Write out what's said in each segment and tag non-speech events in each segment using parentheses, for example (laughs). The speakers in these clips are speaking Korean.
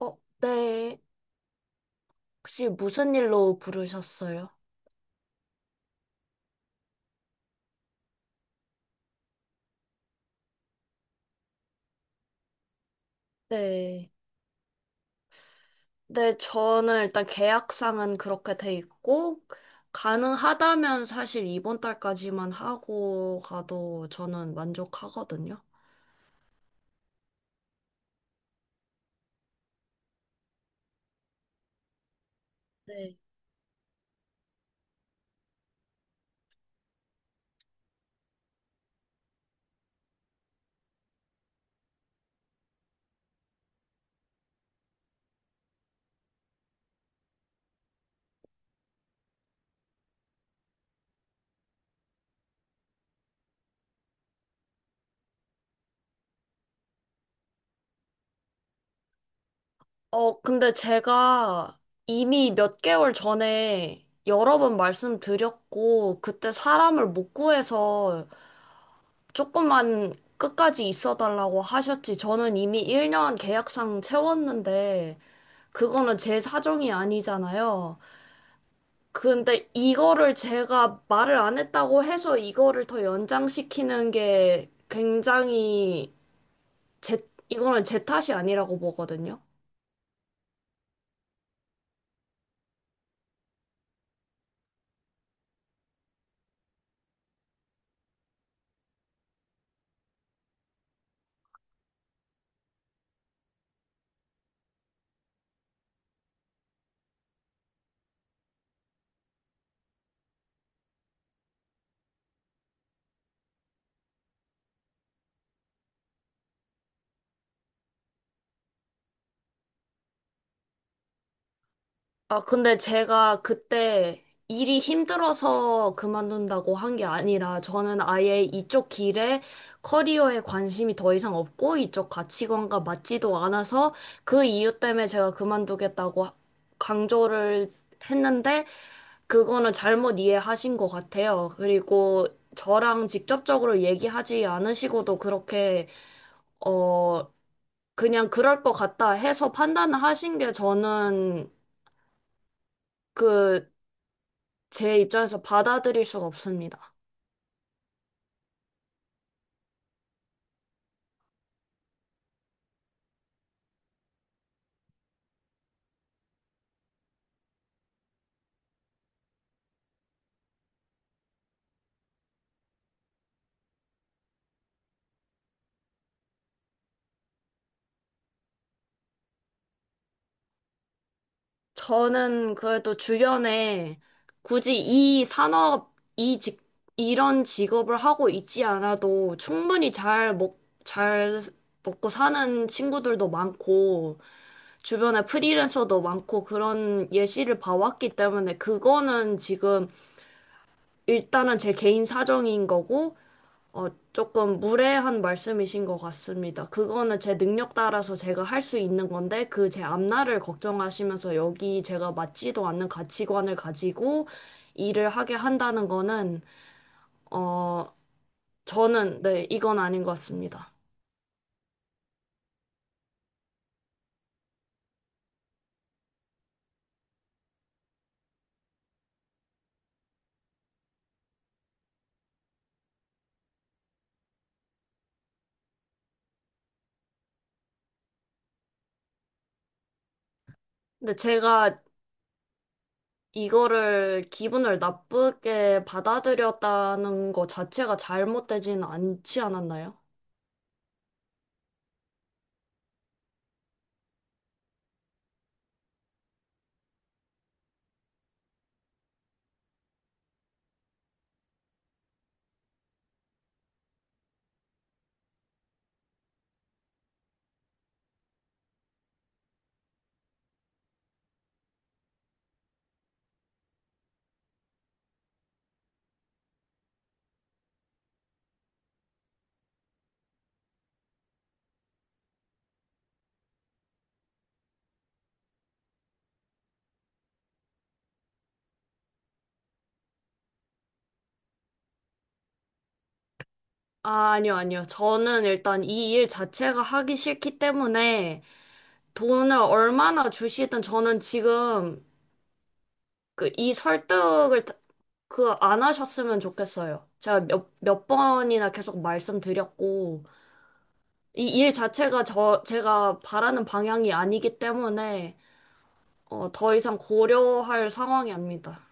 네. 혹시 무슨 일로 부르셨어요? 네. 네, 저는 일단 계약상은 그렇게 돼 있고, 가능하다면 사실 이번 달까지만 하고 가도 저는 만족하거든요. 네. 근데 제가 이미 몇 개월 전에 여러 번 말씀드렸고, 그때 사람을 못 구해서 조금만 끝까지 있어달라고 하셨지. 저는 이미 1년 계약상 채웠는데, 그거는 제 사정이 아니잖아요. 근데 이거를 제가 말을 안 했다고 해서 이거를 더 연장시키는 게 굉장히 제, 이거는 제 탓이 아니라고 보거든요. 아, 근데 제가 그때 일이 힘들어서 그만둔다고 한 게 아니라 저는 아예 이쪽 길에 커리어에 관심이 더 이상 없고 이쪽 가치관과 맞지도 않아서 그 이유 때문에 제가 그만두겠다고 강조를 했는데 그거는 잘못 이해하신 것 같아요. 그리고 저랑 직접적으로 얘기하지 않으시고도 어, 그냥 그럴 것 같다 해서 판단을 하신 게 그, 제 입장에서 받아들일 수가 없습니다. 저는 그래도 주변에 굳이 이 산업, 이 직, 이런 직업을 하고 있지 않아도 충분히 잘 먹고 사는 친구들도 많고, 주변에 프리랜서도 많고 그런 예시를 봐왔기 때문에 그거는 지금 일단은 제 개인 사정인 거고, 어, 조금 무례한 말씀이신 것 같습니다. 그거는 제 능력 따라서 제가 할 수 있는 건데, 그 제 앞날을 걱정하시면서 여기 제가 맞지도 않는 가치관을 가지고 일을 하게 한다는 거는, 어, 네, 이건 아닌 것 같습니다. 근데 제가 이거를 기분을 나쁘게 받아들였다는 거 자체가 잘못되진 않지 않았나요? 아, 아니요, 아니요. 저는 일단 이 일 자체가 하기 싫기 때문에 돈을 얼마나 주시든 저는 지금 그 이 설득을 그 안 하셨으면 좋겠어요. 제가 몇 번이나 계속 말씀드렸고 이 일 자체가 제가 바라는 방향이 아니기 때문에 더 이상 고려할 상황이 아닙니다.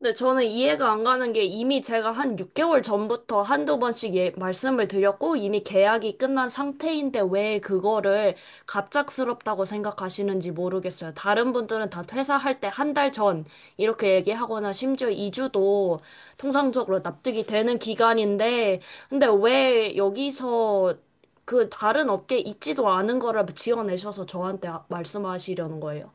근데 저는 이해가 안 가는 게 이미 제가 한 6개월 전부터 한두 번씩 예, 말씀을 드렸고 이미 계약이 끝난 상태인데 왜 그거를 갑작스럽다고 생각하시는지 모르겠어요. 다른 분들은 다 퇴사할 때 한 달 전 이렇게 얘기하거나 심지어 2주도 통상적으로 납득이 되는 기간인데 근데 왜 여기서 그 다른 업계에 있지도 않은 거를 지어내셔서 저한테 말씀하시려는 거예요?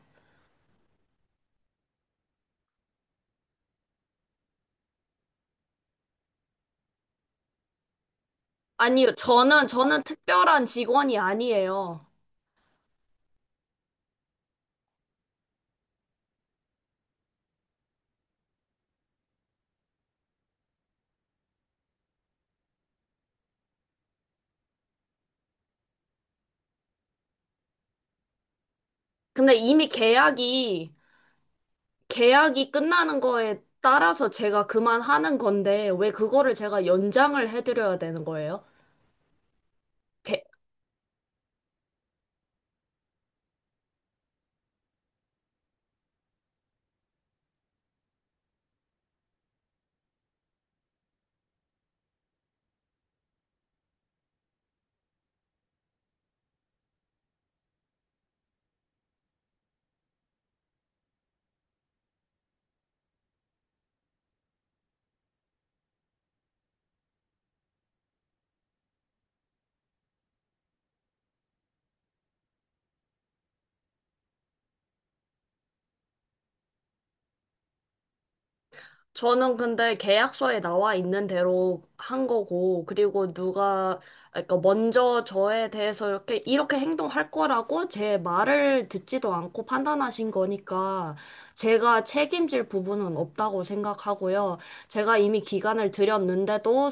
아니요, 저는 특별한 직원이 아니에요. 근데 이미 계약이 끝나는 거에 따라서 제가 그만하는 건데, 왜 그거를 제가 연장을 해드려야 되는 거예요? 게- 저는 근데 계약서에 나와 있는 대로 한 거고, 그러니까 먼저 저에 대해서 이렇게 행동할 거라고 제 말을 듣지도 않고 판단하신 거니까, 제가 책임질 부분은 없다고 생각하고요. 제가 이미 기간을 드렸는데도,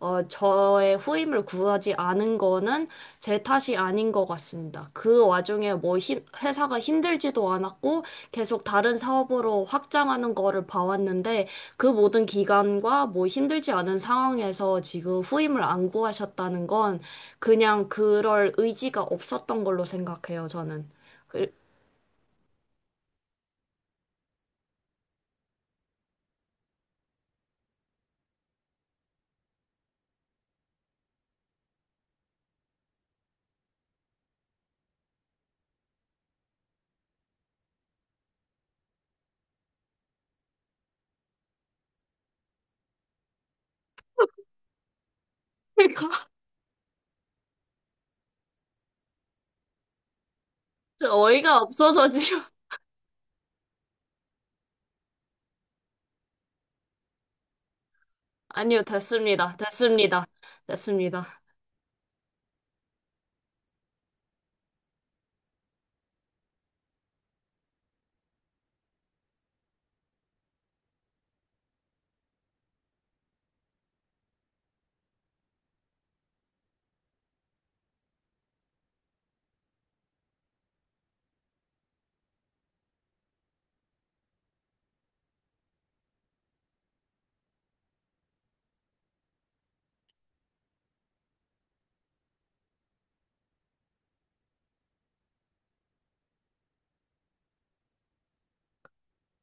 저의 후임을 구하지 않은 거는 제 탓이 아닌 것 같습니다. 그 와중에 회사가 힘들지도 않았고 계속 다른 사업으로 확장하는 거를 봐왔는데 그 모든 기간과 뭐 힘들지 않은 상황에서 지금 후임을 안 구하셨다는 건 그냥 그럴 의지가 없었던 걸로 생각해요, 저는. 그- (laughs) 러니까 어이가 없어서 지금. (laughs) 아니요, 됐습니다. 됐습니다. 됐습니다.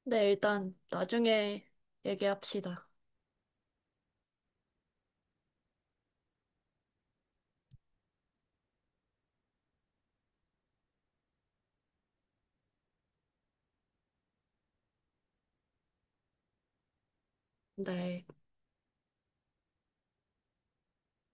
네, 일단 나중에 얘기합시다. 네.